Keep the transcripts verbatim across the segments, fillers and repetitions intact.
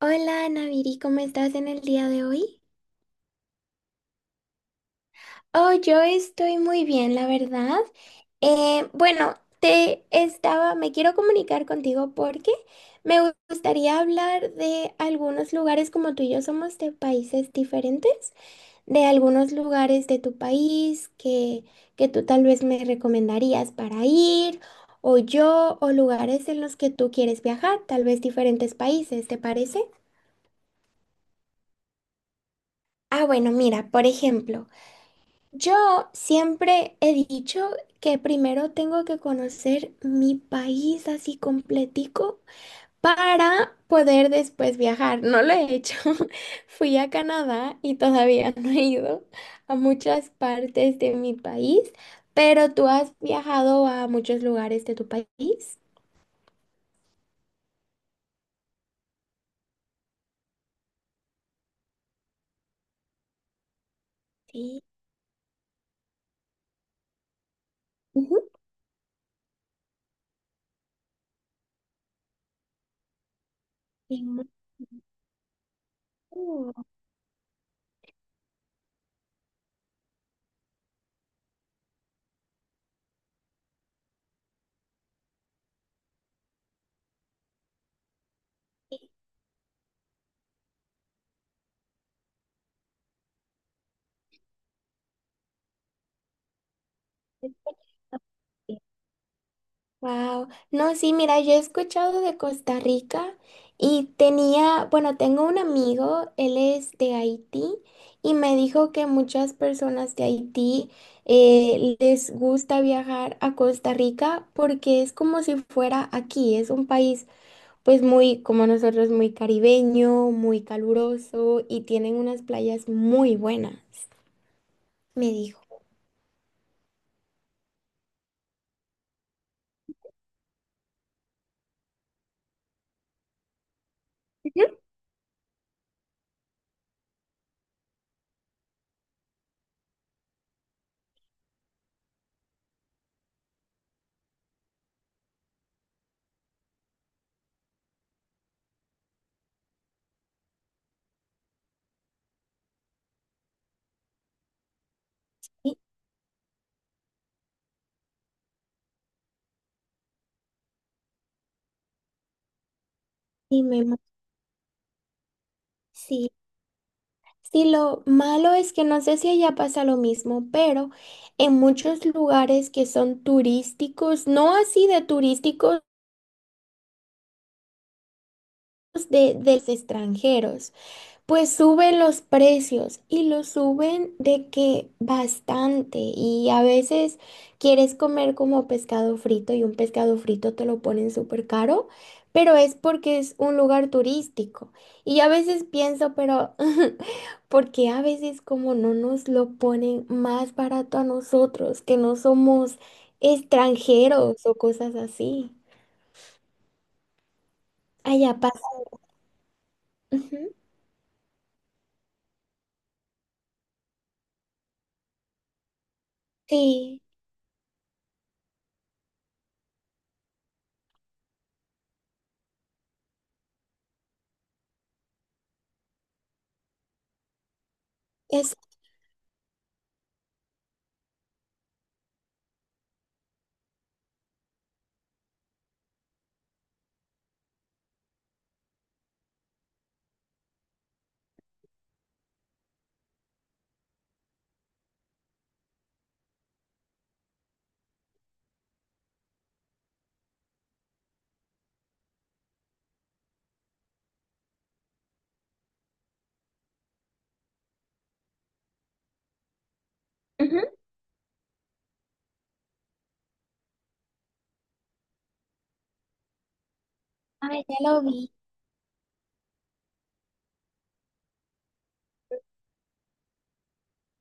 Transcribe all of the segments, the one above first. Hola, Naviri, ¿cómo estás en el día de hoy? Oh, yo estoy muy bien, la verdad. Eh, bueno, te estaba, me quiero comunicar contigo porque me gu- gustaría hablar de algunos lugares, como tú y yo somos de países diferentes, de algunos lugares de tu país que, que tú tal vez me recomendarías para ir, o yo, o lugares en los que tú quieres viajar, tal vez diferentes países, ¿te parece? Ah, bueno, mira, por ejemplo. Yo siempre he dicho que primero tengo que conocer mi país así completico para poder después viajar. No lo he hecho. Fui a Canadá y todavía no he ido a muchas partes de mi país, pero tú has viajado a muchos lugares de tu país. Sí. Ujú. Sí, mucho. Wow. No, sí, mira, yo he escuchado de Costa Rica y tenía, bueno, tengo un amigo, él es de Haití y me dijo que muchas personas de Haití eh, les gusta viajar a Costa Rica porque es como si fuera aquí, es un país pues muy, como nosotros, muy caribeño, muy caluroso y tienen unas playas muy buenas, me dijo. Ujú. Y, y me, ima- sí. Sí, lo malo es que no sé si allá pasa lo mismo, pero en muchos lugares que son turísticos, no así de turísticos de, de los extranjeros. Pues suben los precios y los suben de que bastante y a veces quieres comer como pescado frito y un pescado frito te lo ponen súper caro, pero es porque es un lugar turístico. Y a veces pienso, pero porque a veces como no nos lo ponen más barato a nosotros, que no somos extranjeros o cosas así. Allá pasa. Ujú. Sí, es... ujú. Ah, ya lo vi.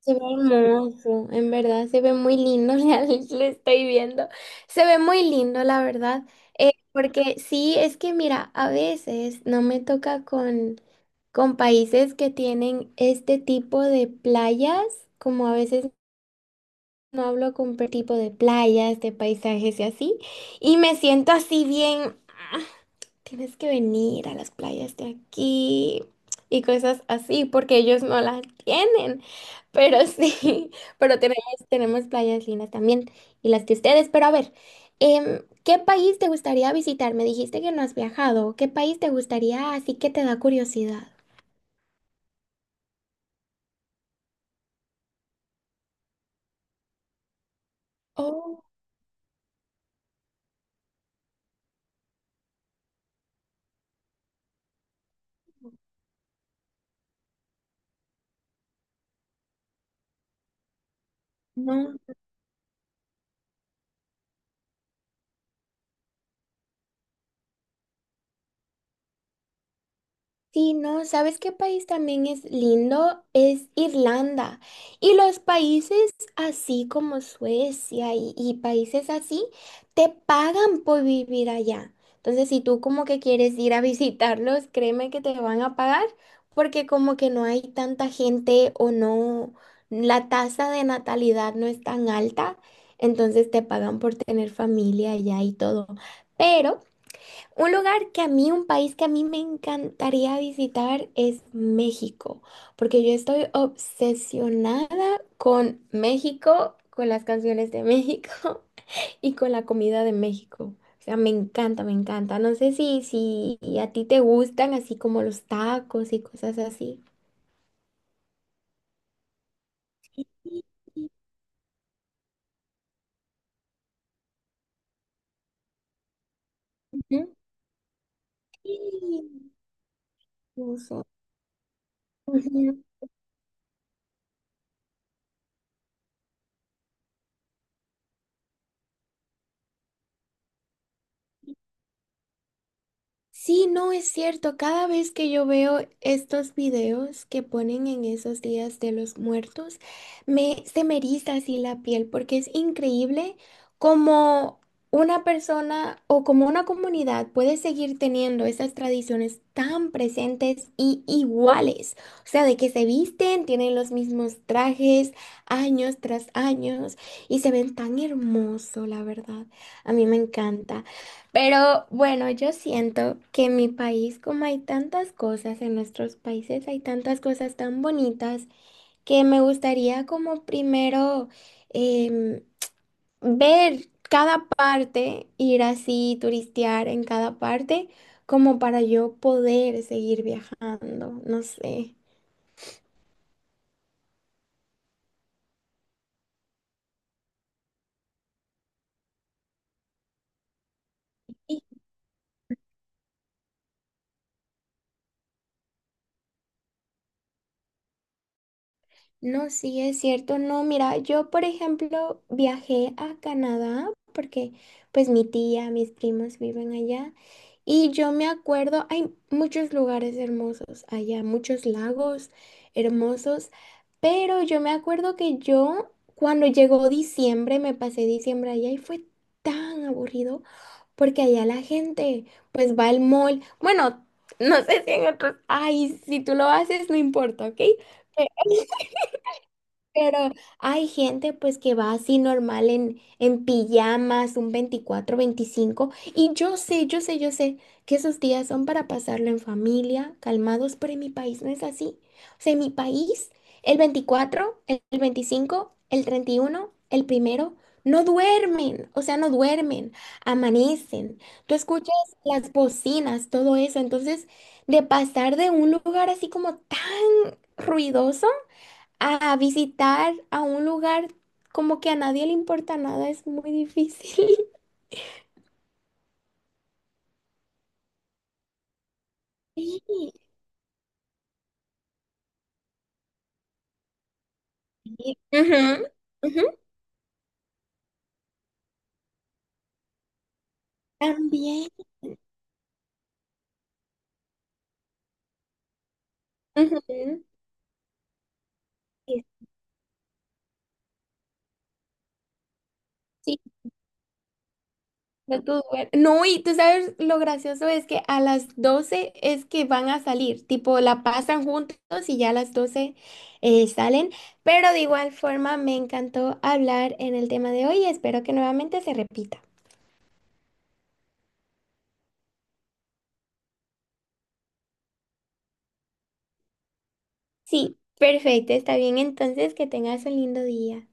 Se ve hermoso, en verdad, se ve muy lindo, ya lo estoy viendo. Se ve muy lindo, la verdad. Eh, porque sí, es que mira, a veces no me toca con, con países que tienen este tipo de playas, como a veces no hablo con per- tipo de playas, de paisajes y así, y me siento así bien tienes que venir a las playas de aquí y cosas así, porque ellos no las tienen. Pero sí, pero tenemos, tenemos playas lindas también y las de ustedes. Pero a ver, em, ¿qué país te gustaría visitar? Me dijiste que no has viajado. ¿Qué país te gustaría? Así que te da curiosidad. Oh, no. Sí, no, ¿sabes qué país también es lindo? Es Irlanda. Y los países así como Suecia y, y países así te pagan por vivir allá. Entonces, si tú como que quieres ir a visitarlos, créeme que te van a pagar porque como que no hay tanta gente o no, la tasa de natalidad no es tan alta, entonces te pagan por tener familia allá y todo. Pero... Un lugar que a mí, un país que a mí me encantaría visitar es México, porque yo estoy obsesionada con México, con las canciones de México y con la comida de México. O sea, me encanta, me encanta. No sé si, si a ti te gustan así como los tacos y cosas así. Sí. Ujú. Sí, incluso. Sí, no es cierto. Cada vez que yo veo estos videos que ponen en esos días de los muertos, me, se me eriza así la piel porque es increíble cómo una persona o como una comunidad puede seguir teniendo esas tradiciones tan presentes y iguales. O sea, de que se visten, tienen los mismos trajes años tras años y se ven tan hermoso, la verdad. A mí me encanta. Pero bueno, yo siento que en mi país, como hay tantas cosas, en nuestros países hay tantas cosas tan bonitas que me gustaría como primero em, ver cada parte, ir así, turistear en cada parte, como para yo poder seguir viajando, no sé. No, sí, es cierto. No, mira, yo por ejemplo viajé a Canadá porque pues mi tía, mis primos viven allá y yo me acuerdo, hay muchos lugares hermosos allá, muchos lagos hermosos, pero yo me acuerdo que yo cuando llegó diciembre, me pasé diciembre allá y fue tan aburrido porque allá la gente pues va al mall. Bueno, no sé si en otros, ay, si tú lo haces, no importa, ¿ok? Pero hay gente pues que va así normal en, en pijamas, un veinticuatro, veinticinco, y yo sé, yo sé, yo sé que esos días son para pasarlo en familia, calmados, pero en mi país no es así. O sea, en mi país, el veinticuatro, el veinticinco, el treinta y uno, el primero, no duermen, o sea, no duermen, amanecen. Tú escuchas las bocinas, todo eso, entonces de pasar de un lugar así como tan ruidoso. A visitar a un lugar como que a nadie le importa nada es muy difícil. Sí. Ujú, ujú, también. Ujú. Sí, sí, no tú duer- No, y tú sabes lo gracioso es que a las doce es que van a salir, tipo la pasan juntos y ya a las doce eh, salen, pero de igual forma me encantó hablar en el tema de hoy y espero que nuevamente se repita. Sí, perfecto, está bien entonces, que tengas un lindo día.